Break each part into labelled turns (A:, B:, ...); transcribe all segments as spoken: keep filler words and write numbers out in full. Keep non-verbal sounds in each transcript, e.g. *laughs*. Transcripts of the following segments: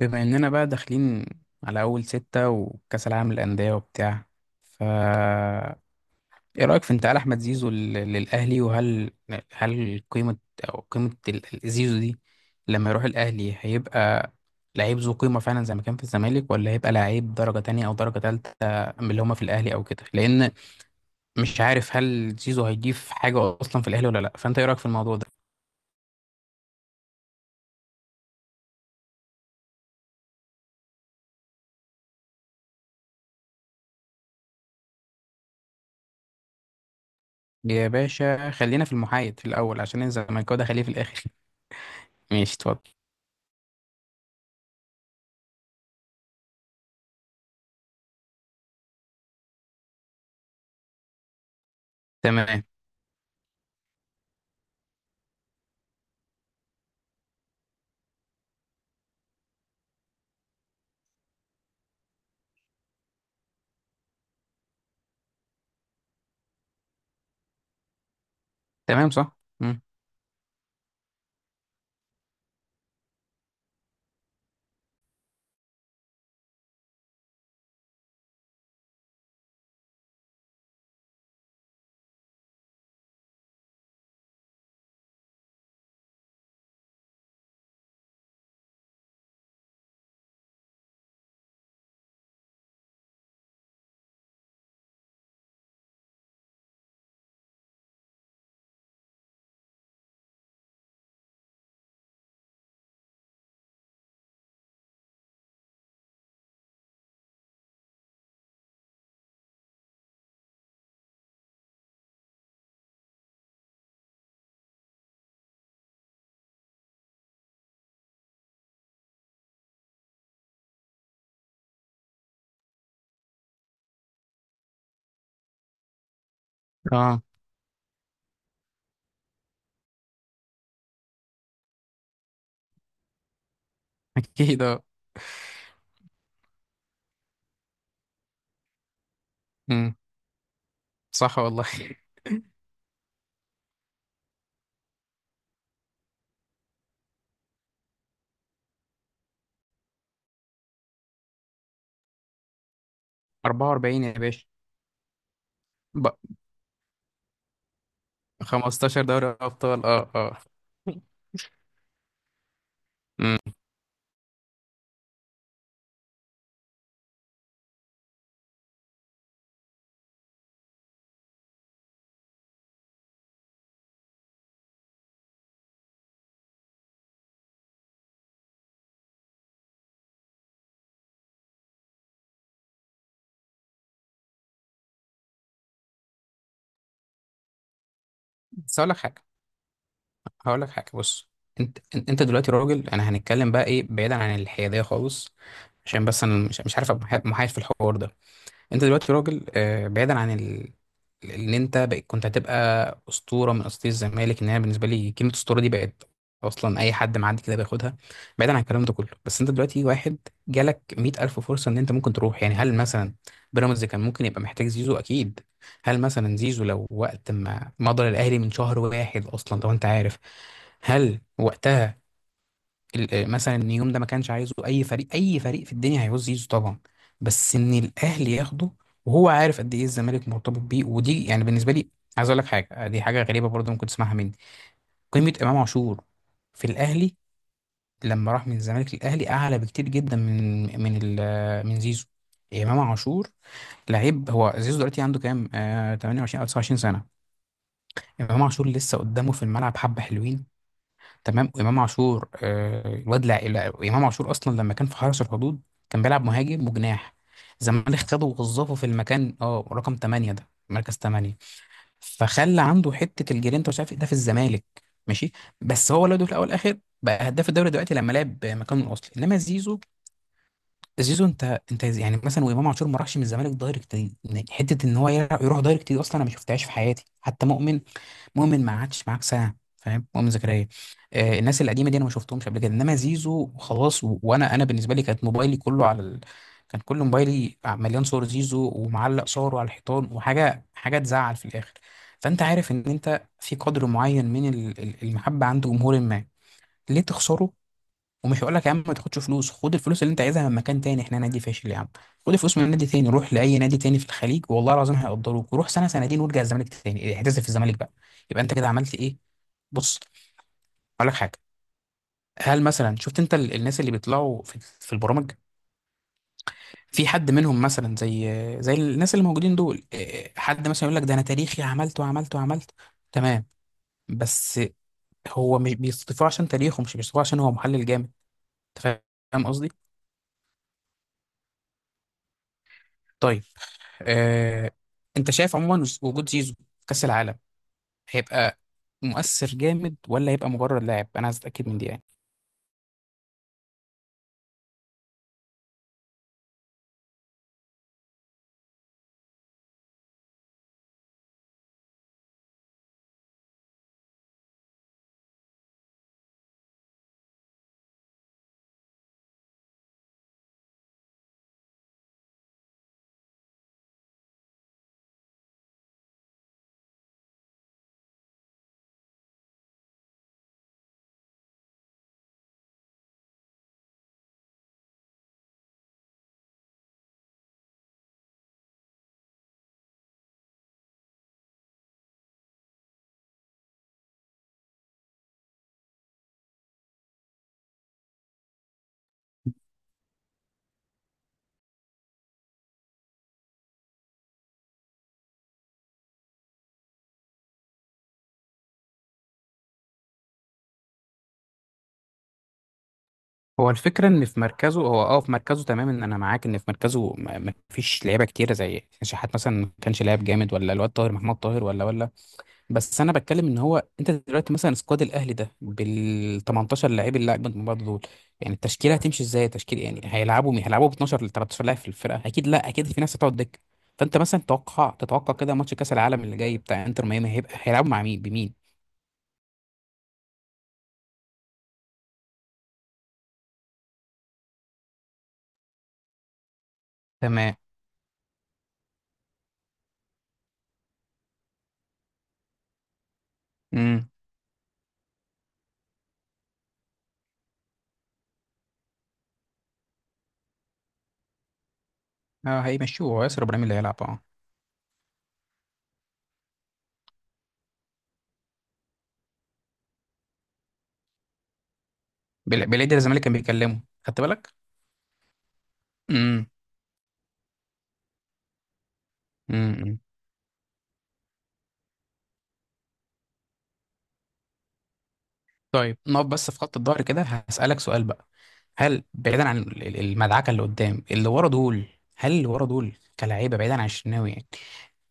A: بما اننا بقى داخلين على اول ستة وكأس العالم للأندية وبتاع. ف ايه رأيك في انتقال احمد زيزو لل- للأهلي؟ وهل هل قيمة او قيمة ال- ال- زيزو دي لما يروح الأهلي، هيبقى لعيب ذو قيمة فعلا زي ما كان في الزمالك، ولا هيبقى لعيب درجة تانية او درجة تالتة من اللي هما في الأهلي او كده؟ لأن مش عارف هل زيزو هيضيف حاجة اصلا في الأهلي ولا لا، فانت ايه رأيك في الموضوع ده؟ يا باشا خلينا في المحايد في الأول، عشان الزمالك ده خليه في الآخر. ماشي اتفضل. تمام. تمام صح. مم. اه اكيد اه. مم. صح والله. *laughs* اربعه واربعين يا باشا ب... خمستاشر دوري ابطال، اه اه. مم. بس هقول لك حاجه، هقول لك حاجه، بص. انت انت أنت دلوقتي راجل، انا هنتكلم بقى ايه بعيدا عن الحياديه خالص، عشان بس انا مش, مش عارف أبقى محا- محايد في الحوار ده. انت دلوقتي راجل، آه، بعيدا عن ال... اللي انت بقى كنت هتبقى اسطوره من اساطير الزمالك. ان انا بالنسبه لي كلمه اسطوره دي بقت اصلا اي حد معدي كده بياخدها. بعيدا عن الكلام ده كله، بس انت دلوقتي واحد جالك مئة الف فرصه ان انت ممكن تروح. يعني هل مثلا بيراميدز كان ممكن يبقى محتاج زيزو؟ اكيد. هل مثلا زيزو لو وقت ما مضى الاهلي من شهر واحد اصلا لو انت عارف، هل وقتها ال- آه، مثلا ان يوم ده ما كانش عايزه اي فريق؟ اي فريق في الدنيا هيعوز يزيزو طبعا، بس ان الاهلي ياخده وهو عارف قد ايه الزمالك مرتبط بيه، ودي يعني بالنسبه لي. عايز اقول لك حاجه، دي حاجه غريبه برضه ممكن تسمعها مني. قيمه امام عاشور في الاهلي لما راح من الزمالك للاهلي اعلى بكتير جدا من من ال- آه، من زيزو. امام عاشور لعيب. هو زيزو دلوقتي عنده كام، آه، تمنيه وعشرين او 29 سنه. امام عاشور لسه قدامه في الملعب حبه حلوين. تمام. وامام عاشور، آه، الواد لع... لع- امام عاشور اصلا لما كان في حرس الحدود كان بيلعب مهاجم وجناح. الزمالك خده ووظفه في المكان، اه، رقم تمانيه، ده مركز تمانيه، فخلى عنده حته الجرينتا ومش عارف ايه ده في الزمالك. ماشي. بس هو لو في الاول والاخر بقى هداف الدوري دلوقتي لما لعب مكانه الاصلي. انما زيزو، زيزو انت انت يعني مثلا، وامام عاشور ما راحش من الزمالك دايركت دي. يعني حته ان هو يرا- يروح دايركت دي اصلا انا ما شفتهاش في حياتي. حتى مؤمن، مؤمن ما قعدش معاك سنه، فاهم؟ مؤمن زكريا، آه، الناس القديمه دي انا ما شفتهمش قبل كده. انما زيزو خلاص، و... وانا انا بالنسبه لي كانت موبايلي كله على ال... كان كل موبايلي، آه، مليان صور زيزو ومعلق صوره على الحيطان وحاجه، حاجه تزعل في الاخر. فانت عارف ان انت في قدر معين من ال- ال- المحبه عند جمهور ما، ليه تخسره؟ ومش هقول لك يا عم ما تاخدش فلوس، خد الفلوس اللي انت عايزها من مكان تاني، احنا نادي فاشل يا عم. خد الفلوس من نادي تاني، روح لاي نادي تاني في الخليج والله العظيم هيقدروك، وروح سنه سنتين وارجع الزمالك تاني، اعتزل في الزمالك بقى. يبقى انت كده عملت ايه. بص، هقول لك حاجه. هل مثلا شفت انت ال- الناس اللي بيطلعوا في, في البرامج، في حد منهم مثلا زي زي الناس اللي موجودين دول، اه، حد مثلا يقول لك ده انا تاريخي عملت وعملت وعملت؟ تمام. بس هو مش بيصطفوه عشان تاريخه، مش بيصطفوه عشان هو محلل جامد. انت فاهم قصدي؟ طيب، آه، انت شايف عموما وجود زيزو في كأس العالم هيبقى مؤثر جامد، ولا هيبقى مجرد لاعب؟ انا عايز اتاكد من دي يعني. هو الفكره ان في مركزه، هو اه في مركزه تمام، ان انا معاك ان في مركزه ما ما فيش لعيبه كتيره زي شحات مثلا ما كانش لاعب جامد، ولا الواد طاهر محمد طاهر، ولا ولا. بس انا بتكلم ان هو، انت دلوقتي مثلا سكواد الاهلي ده بال ثمانية عشر لعيب، اللي اجمد من بعض دول. يعني التشكيله هتمشي ازاي؟ تشكيل يعني هيلعبوا مين؟ هيلعبوا ب اتناشر ل تلتاشر لاعب في الفرقه، اكيد لا اكيد في ناس هتقعد دكه. فانت مثلا تتوقع تتوقع كده ماتش كاس العالم اللي جاي بتاع انتر ميامي هيبقى هيلعبوا مع مين بمين؟ تمام. امم. اه هيمشوه، هو ياسر ابراهيم اللي هيلعب، اه. بال- بالعيد الزمالك كان بيكلمه، خدت بالك؟ امم. امم. طيب نقف بس في خط الظهر كده، هسألك سؤال بقى. هل بعيدا عن ال- ال- المدعكة اللي قدام، اللي ورا دول، هل اللي ورا دول كلاعيبة بعيدا عن الشناوي يعني،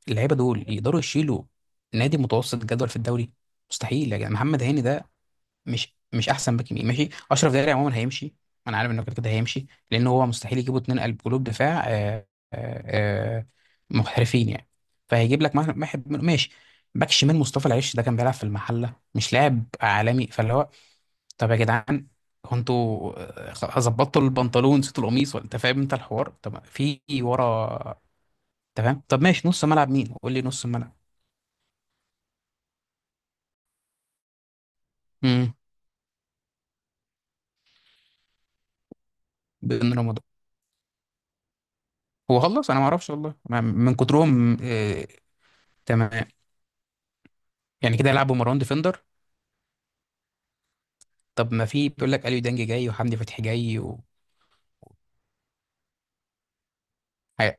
A: اللعيبة دول يقدروا يشيلوا نادي متوسط جدول في الدوري؟ مستحيل يا جدع. محمد هاني ده مش مش احسن باك يمين. ماشي اشرف داري عموما هيمشي، انا عارف انه كده كده هيمشي، لان هو مستحيل يجيبوا اتنين قلب قلوب دفاع، آه، آه، آه، محترفين يعني. فهيجيب لك واحد منهم، ماشي. باك شمال مصطفى العيش ده كان بيلعب في المحله، مش لاعب عالمي، فاللي هو طب يا جدعان، هو انتوا، آه، خ- ظبطتوا البنطلون نسيتوا القميص ولا انت فاهم انت الحوار؟ طب في ورا. تمام. طب ماشي، نص ملعب مين؟ قول لي نص ملعب. امم. بن رمضان. هو خلص؟ انا ما اعرفش والله، ما- من كترهم، آه، تمام. يعني كده يلعبوا مروان ديفندر؟ طب ما في بيقول لك اليو ديانج جاي وحمدي فتحي جاي و هي-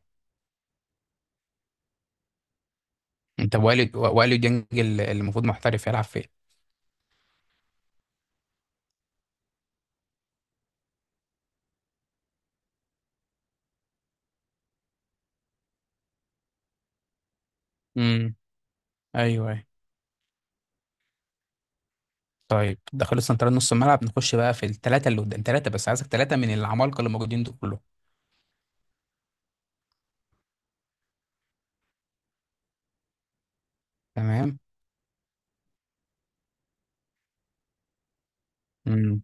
A: طب واليو، واليو ديانج اللي المفروض محترف، يلعب فين؟ امم. ايوى ايوه. طيب ده خلص. انت نص الملعب نخش بقى في الثلاثه اللي قدام. ثلاثه بس عايزك، ثلاثه من العمالقه اللي موجودين دول كلهم. تمام. امم.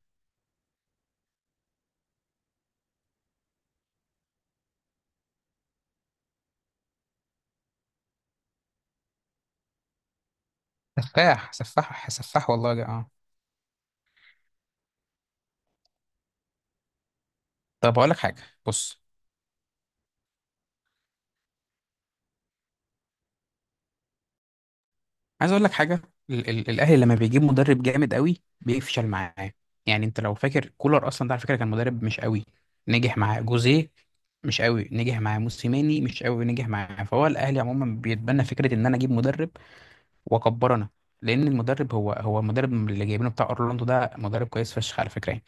A: سفاح سفاح سفاح والله ده، اه. طب اقول لك حاجه، بص، عايز اقول لك حاجه. ال ال الاهلي لما بيجيب مدرب جامد قوي بيفشل معاه. يعني انت لو فاكر كولر اصلا ده على فكره كان مدرب مش قوي، نجح معاه. جوزيه مش قوي نجح معاه. موسيماني مش قوي نجح معاه. فهو الاهلي عموما بيتبنى فكره ان انا اجيب مدرب واكبرنا، لان المدرب هو هو المدرب اللي جايبينه بتاع اورلاندو ده مدرب كويس فشخ على فكره يعني.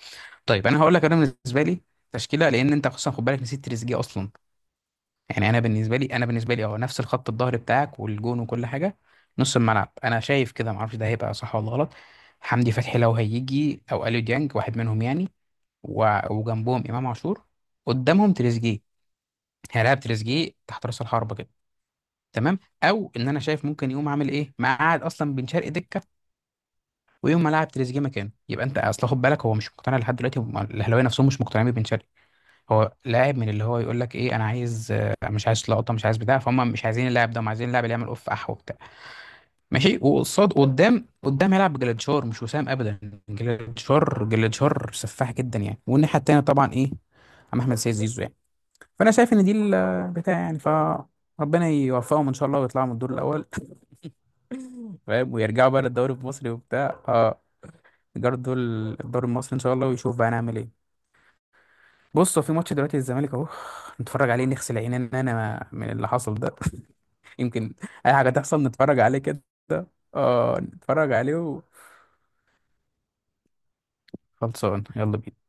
A: طيب انا هقول لك انا بالنسبه لي تشكيله، لان انت اصلا خد بالك نسيت تريزيجيه اصلا. يعني انا بالنسبه لي، انا بالنسبه لي اه، نفس الخط الظهر بتاعك والجون وكل حاجه. نص الملعب انا شايف كده، ما اعرفش ده هيبقى صح ولا غلط، حمدي فتحي لو هيجي او اليو ديانج واحد منهم يعني، و- وجنبهم امام عاشور. قدامهم تريزيجيه، هيلاعب تريزيجيه تحت راس الحربه كده. تمام. او ان انا شايف ممكن يقوم عامل ايه، مقعد اصلا بن شرقي دكه ويقوم ملاعب تريزيجيه مكانه. يبقى انت اصل خد بالك هو مش مقتنع لحد دلوقتي، هم- الاهلاويه نفسهم مش مقتنعين ببن شرقي. هو لاعب من اللي هو يقول لك ايه، انا عايز، آه، مش عايز لقطه، مش عايز بتاع، فهم مش عايزين اللاعب ده، هم عايزين اللاعب اللي يعمل اوف اح وبتاع. ماشي. وقصاد قدام قدام هيلعب بجلاديشار، مش وسام ابدا. جلاديشار، جلاديشار سفاح جدا يعني. والناحيه التانيه طبعا ايه؟ عم احمد سيد زيزو يعني. فانا شايف ان دي البتاع يعني. ف ربنا يوفقهم ان شاء الله ويطلعوا من الدور الاول. *laughs* فاهم، ويرجعوا بقى للدوري المصري وبتاع، اه يجروا الدور. الدوري المصري ان شاء الله، ويشوف بقى نعمل ايه. بص، هو في ماتش دلوقتي الزمالك اهو، نتفرج عليه نغسل عينينا انا من اللي حصل ده. *laughs* يمكن اي حاجه تحصل، نتفرج عليه كده. اه نتفرج عليه، وخلصان يلا بينا.